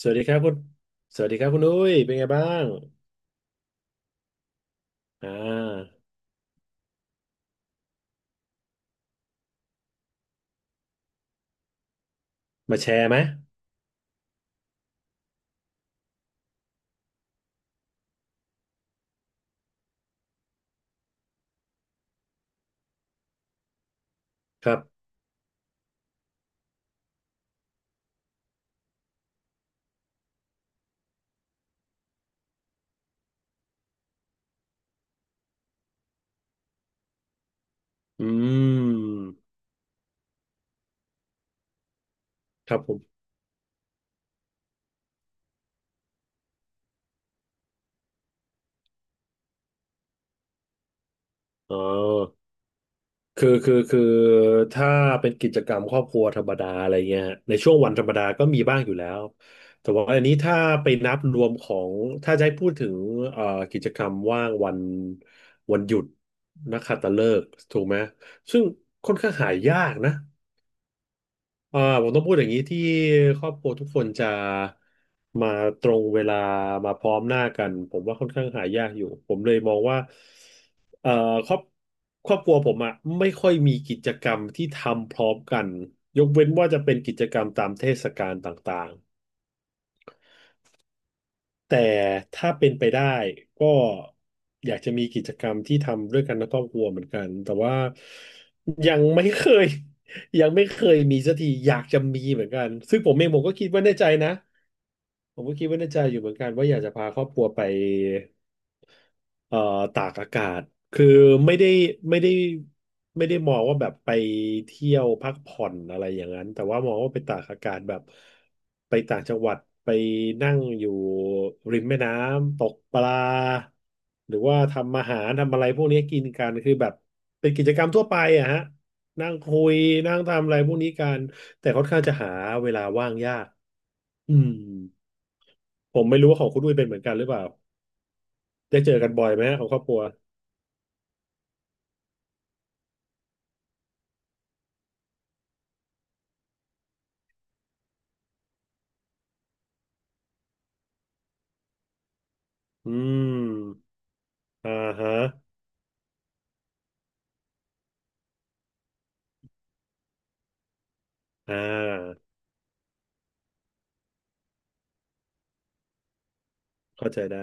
สวัสดีครับคุณสวัสดีครับคุณอุ้ยเป็นไงบ้างอ่ามาแชร์ไหมครับอืมครับผมอ๋อคือถ้าเป็นกิจกรรมครอบครัวธรรมดาอะไรเงี้ยฮะในช่วงวันธรรมดาก็มีบ้างอยู่แล้วแต่ว่าอันนี้ถ้าไปนับรวมของถ้าจะให้พูดถึงเอ่อกิจกรรมว่างวันวันหยุดนักขัตฤกษ์ถูกไหมซึ่งค่อนข้างหายากนะ อ่าผมต้องพูดอย่างนี้ที่ครอบครัวทุกคนจะมาตรงเวลามาพร้อมหน้ากันผมว่าค่อนข้างหายากอยู่ผมเลยมองว่าเอ่อครอบครอบครัวผมอะไม่ค่อยมีกิจกรรมที่ทำพร้อมกันยกเว้นว่าจะเป็นกิจกรรมตามเทศกาลต่างๆ แต่ถ้าเป็นไปได้ก็อยากจะมีกิจกรรมที่ทำด้วยกันในครอบครัวเหมือนกันแต่ว่ายังไม่เคย ยังไม่เคยมีสักทีอยากจะมีเหมือนกันซึ่งผมเองผมก็คิดว่าในใจนะ ผมก็คิดว่าในใจอยู่เหมือนกันว่าอยากจะพาครอบครัวไปเอ่อตากอากาศคือไม่ได้ไม่ได้ไม่ได้มองว่าแบบไปเที่ยวพักผ่อนอะไรอย่างนั้นแต่ว่ามองว่าไปตากอากาศแบบไปต่างจังหวัดไปนั่งอยู่ริมแม่น้ำตกปลาหรือว่าทำอาหารทำอะไรพวกนี้กินกันคือแบบเป็นกิจกรรมทั่วไปอะฮะนั่งคุยนั่งทำอะไรพวกนี้กันแต่ค่อนข้างจะหาเวลาว่างยากอืม ผมไม่รู้ว่าของคุณอุ้ยเป็นเหมือนกันหรือเปล่าได้เจอกันบ่อยไหมฮะของครอบครัว อืมอ่าฮะอ่าเข้าใจได้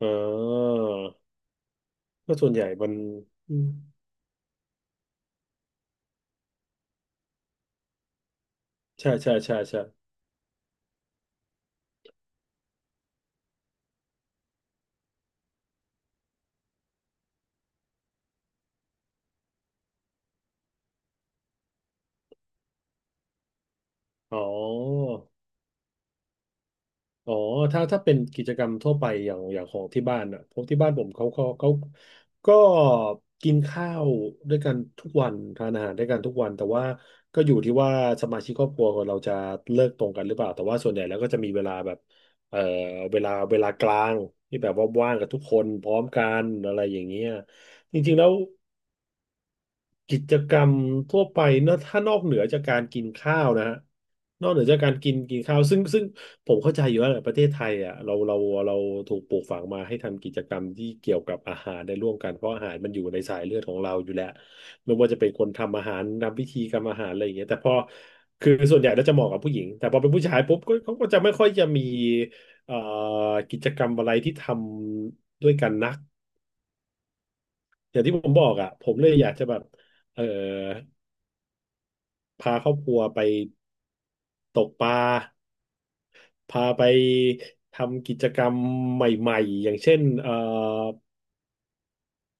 อ๋อก็ส่วนใหญ่มันอืมใช่ใช่ใช่ใช่อ๋อ อ๋อถ้าเป็นกิจกรรมทั่วไปอย่างของที่บ้านอ่ะพวกที่บ้านผมเขาก็กินข้าวด้วยกันทุกวันทานอาหารด้วยกันทุกวันแต่ว่าก็อยู่ที่ว่าสมาชิกครอบครัวของเราจะเลิกตรงกันหรือเปล่าแต่ว่าส่วนใหญ่แล้วก็จะมีเวลาแบบเอ่อเวลากลางที่แบบว่าว่างกับทุกคนพร้อมกันอะไรอย่างเงี้ยจริงๆแล้ว กิจกรรมทั่วไปเนอะถ้านอกเหนือจากการกินข้าวนะฮะนอกเหนือจากการกินกินข้าวซึ่งผมเข้าใจอยู่ว่าแหประเทศไทยอ่ะเราถูกปลูกฝังมาให้ทำกิจกรรมที่เกี่ยวกับอาหารได้ร่วมกันเพราะอาหารมันอยู่ในสายเลือดของเราอยู่แล้วไม่ว่าจะเป็นคนทำอาหารนำพิธีกรรมอาหารอะไรอย่างเงี้ยแต่พอคือส่วนใหญ่แล้วจะเหมาะกับผู้หญิงแต่พอเป็นผู้ชายปุ๊บก็เขาก็จะไม่ค่อยจะมีเอ่อกิจกรรมอะไรที่ทำด้วยกันนักอย่างที่ผมบอกอ่ะผมเลยอยากจะแบบเออ พาครอบครัวไปตกปลาพาไปทำกิจกรรมใหม่ๆอย่างเช่น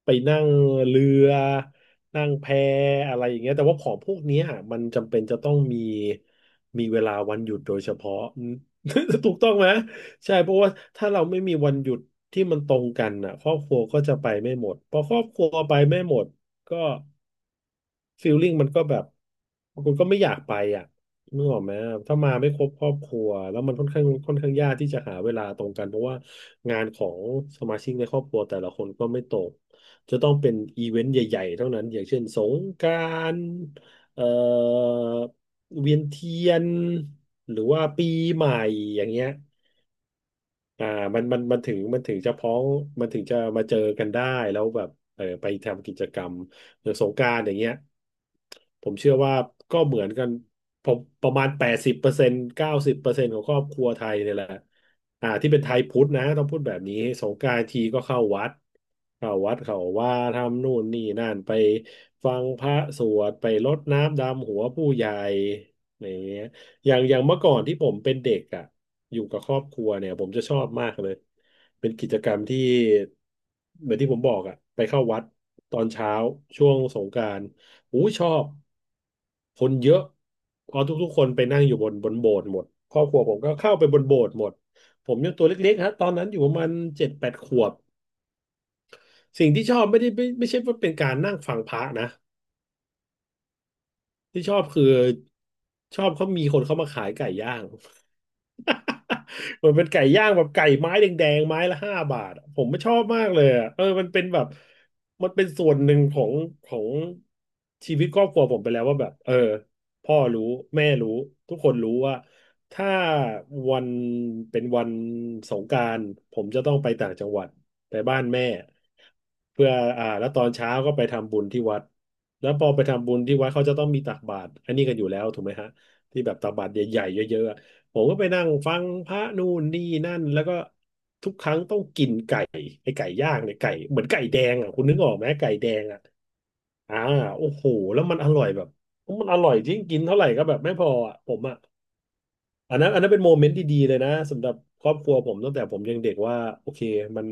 ไปนั่งเรือนั่งแพอะไรอย่างเงี้ยแต่ว่าของพวกเนี้ยมันจำเป็นจะต้องมีมีเวลาวันหยุดโดยเฉพาะ ถูกต้องไหมใช่เพราะว่าถ้าเราไม่มีวันหยุดที่มันตรงกันอ่ะครอบครัวก็จะไปไม่หมดพอครอบครัวไปไม่หมดก็ ฟีลลิ่งมันก็แบบบางคนก็ไม่อยากไปอ่ะนึกออกไหมถ้ามาไม่ครบครอบครัวแล้วมันค่อนข้างยากที่จะหาเวลาตรงกันเพราะว่างานของสมาชิกในครอบครัวแต่ละคนก็ไม่ตกจะต้องเป็นอีเวนต์ใหญ่ๆเท่านั้นอย่างเช่นสงกรานต์เอ่อเวียนเทียนหรือว่าปีใหม่อย่างเงี้ย อ่ามันถึงจะพ้องมันถึงจะมาเจอกันได้แล้วแบบเออไปทำกิจกรรมหรือสงกรานต์อย่างเงี้ยผมเชื่อว่าก็เหมือนกันผมประมาณ80%90%ของครอบครัวไทยเนี่ยแหละอ่าที่เป็นไทยพุทธนะต้องพูดแบบนี้สงกรานต์ทีก็เข้าวัดเข้าวัดเขาว่าทำนู่นนี่นั่นไปฟังพระสวดไปรดน้ำดำหัวผู้ใหญ่อะไรอย่างเงี้ย อย่างอย่างเมื่อก่อนที่ผมเป็นเด็กอ่ะอยู่กับครอบครัวเนี่ยผมจะชอบมากเลยเป็นกิจกรรมที่เหมือนที่ผมบอกอ่ะไปเข้าวัดตอนเช้าช่วงสงกรานต์อู้ชอบคนเยอะเพอทุกๆคนไปนั่งอยู่บนโบสถ์หมดครอบครัวผมก็เข้าไปบนโบสถ์หมดผมยังตัวเล็กๆฮะตอนนั้นอยู่ประมาณเจ็ดแปดขวบสิ่งที่ชอบไม่ได้ไม่ใช่ว่าเป็นการนั่งฟังพระนะที่ชอบคือชอบเขามีคนเข้ามาขายไก่ย่าง เหมือนเป็นไก่ย่างแบบไก่ไม้แดงๆไม้ละห้าบาทอะผมไม่ชอบมากเลยอะมันเป็นแบบมันเป็นส่วนหนึ่งของชีวิตครอบครัวผมไปแล้วว่าแบบพ่อรู้แม่รู้ทุกคนรู้ว่าถ้าวันเป็นวันสงกรานต์ผมจะต้องไปต่างจังหวัดไปบ้านแม่เพื่ออ่าแล้วตอนเช้าก็ไปทำบุญที่วัดแล้วพอไปทำบุญที่วัดเขาจะต้องมีตักบาตรอันนี้กันอยู่แล้วถูกไหมฮะที่แบบตักบาตรใหญ่ๆเยอะๆ ผมก็ไปนั่งฟังพระนู่นนี่นั่นแล้วก็ทุกไก่เหมือนไก่แดงอ่ะคุณนึกออกไหมไก่แดงอ่ะอ่าโอ้โหแล้วมันอร่อยแบบมันอร่อยจริงกินเท่าไหร่ก็แบบไม่พออ่ะผมอ่ะอันนั้นอันนั้นเป็นโมเมนต์ที่ดีเลยนะสำหรับครอบครัวผมตั้งแต่ผมยังเด็กว่าโอเคมัน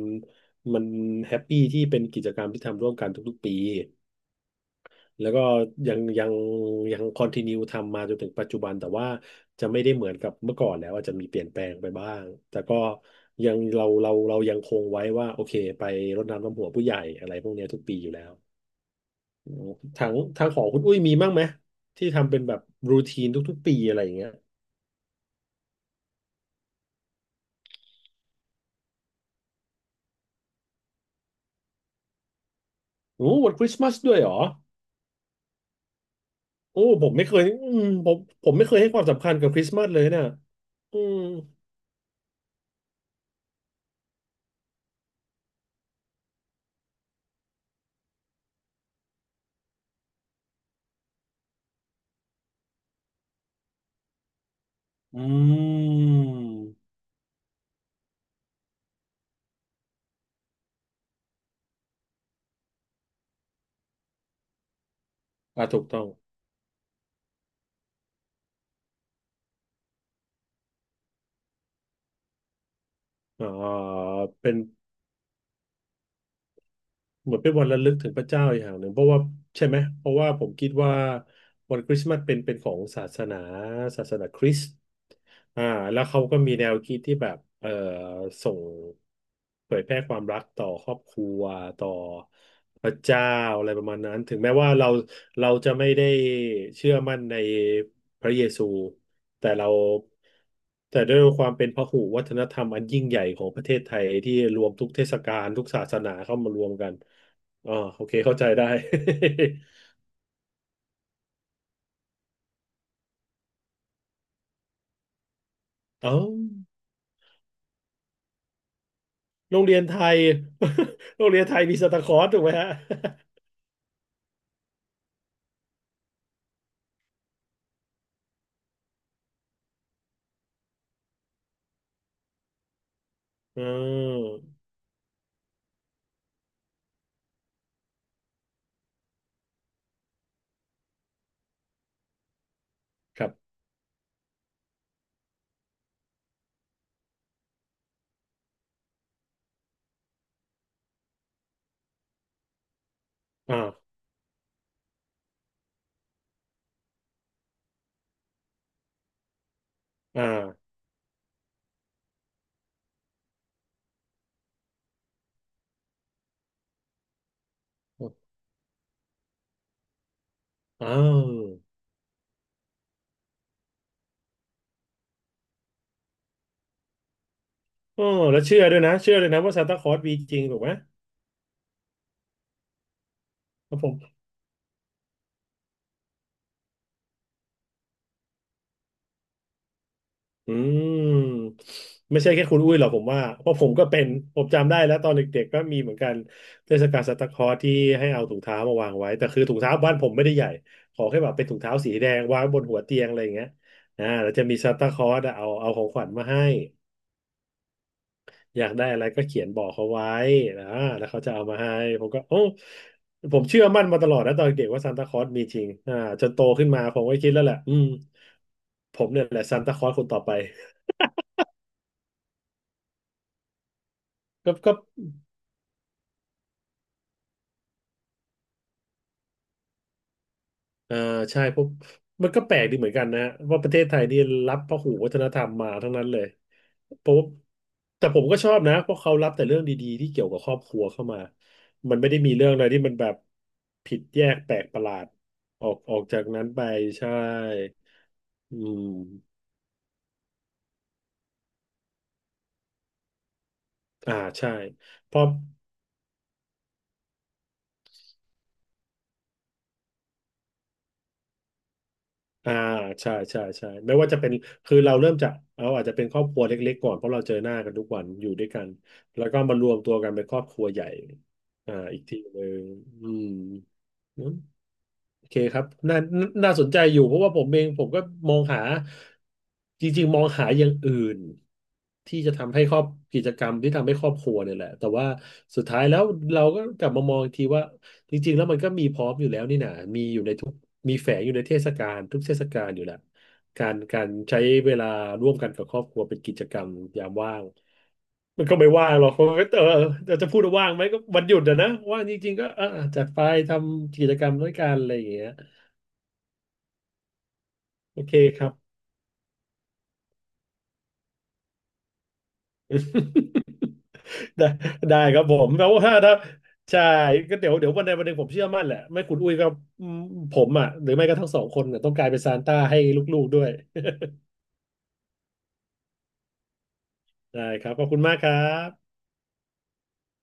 มันแฮปปี้ที่เป็นกิจกรรมที่ทำร่วมกันทุกๆปี แล้วก็ยังยังยังคอนติเนียทำมาจนถึงปัจจุบันแต่ว่าจะไม่ได้เหมือนกับเมื่อก่อนแล้วอาจจะมีเปลี่ยนแปลงไปบ้างแต่ก็ยังเรายังคงไว้ว่าโอเคไปรดน้ำดำหัวผู้ใหญ่อะไรพวกเนี้ยทุกปีอยู่แล้วทางของคุณอุ้ยมีมั่งไหมที่ทำเป็นแบบรูทีนทุกๆปีอะไรอย่างเงี้ยโอ้วันคริสต์มาสด้วยเหรอโอ้ผมไม่เคยผมผมไม่เคยให้ความสำคัญกับคริสต์มาสเลยนะอืมอืมอ่าถูกต้องอ่าเป็น เหมือนเป็นวันระลึกถึงพระเจ้าอีกอย่างหนึ่งเพราะว่าใช่ไหมเพราะว่าผมคิดว่าวันคริสต์มาสเป็นของศาสนาศาสนาคริสต์อ่าแล้วเขาก็มีแนวคิดที่แบบส่งเผยแพร่ความรักต่อครอบครัวต่อพระเจ้าอะไรประมาณนั้นถึงแม้ว่าเราเราจะไม่ได้เชื่อมั่นในพระเยซูแต่เราแต่ด้วยความเป็นพหุวัฒนธรรมอันยิ่งใหญ่ของประเทศไทยที่รวมทุกเทศกาลทุกศาสนาเข้ามารวมกัน อ๋อโอเคเข้าใจได้ เอ้าโรงเรียนไทย โรงเรียนไทยมีซานตาคลอสถูกไหมฮะ อืมครับอ่าอ่าอ้าวอ๋อแล้วเชื่อด้วยนะเชื่อเลยนะว่าซานตาคลอสมีจริงถูกไหมผม อืมไม่ใช่แค่คุณอุ้ยหรอกผมว่าเพราะผมก็เป็นผมจำได้แล้วตอนเด็กๆก็มีเหมือนกันเทศกาลซานตาคลอสที่ให้เอาถุงเท้ามาวางไว้แต่คือถุงเท้าบ้านผมไม่ได้ใหญ่ขอแค่แบบเป็นถุงเท้าสีแดงวางบนหัวเตียงอะไรอย่างเงี้ยอ่าแล้วจะมีซานตาคลอสอะเอาของขวัญมาให้อยากได้อะไรก็เขียนบอกเขาไว้นะแล้วเขาจะเอามาให้ผมก็โอ้ผมเชื่อมั่นมาตลอดนะตอนเด็กว่าซานตาคลอสมีจริงอ่าจนโตขึ้นมาผมก็คิดแล้วแหละอืมผมเนี่ยแหละซานตาคลอสคนต่อไปก็ อ่าใช่เพวกมันก็แปลกดีเหมือนกันนะะว่าประเทศไทยนี่รับพหูวัฒนธรรมมาทั้งนั้นเลยเพราะแต่ผมก็ชอบนะเพราะเขารับแต่เรื่องดีๆที่เกี่ยวกับครอบครัวเข้ามามันไม่ได้มีเรื่องอะไรที่มันแบบผิดแยกแปลกประหลาดออกจากนั้นไปใช่อืมอ่าใช่เพราะ อ่าใช่ใช่ใช่ไม่ว่าจะเป็นคือเราเริ่มจากเราอาจจะเป็นครอบครัวเล็กๆก่อนเพราะเราเจอหน้ากันทุกวันอยู่ด้วยกันแล้วก็มารวมตัวกันเป็นครอบครัวใหญ่อ่าอีกทีหนึ่งอืม โอเคครับน่าน่าสนใจอยู่เพราะว่าผมเองผมก็มองหาจริงๆมองหาอย่างอื่นที่จะทำให้ครอบกิจกรรมที่ทำให้ครอบครัวเนี่ยแหละแต่ว่าสุดท้ายแล้วเราก็กลับมามองอีกทีว่าจริงๆแล้วมันก็มีพร้อมอยู่แล้วนี่นะมีอยู่ในทุกมีแฝงอยู่ในเทศกาลทุกเทศกาลอยู่แหละการใช้เวลาร่วมกันกับครอบครัวเป็นกิจกรรมยามว่างมันก็ไม่ว่างหรอกเพราะว่าเราจะพูดว่าว่างไหมก็วันหยุดอะนะว่างจริงๆก็จัดไปทำกิจกรรมด้วยกันอะไรอย่างเงี้ย โอเคครับ ได้ได้ครับผมแล้วถ้าถ้าใช่ก็เดี๋ยววันใดวันหนึ่งผมเชื่อมั่นแหละไม่คุณอุ้ยก็อืมผมอ่ะหรือไม่ก็ทั้งสองคนเนี่ยต้องกลายเป็นซานต้าให้ลูกๆด้วย ได้ครับขอบคุณมากครับ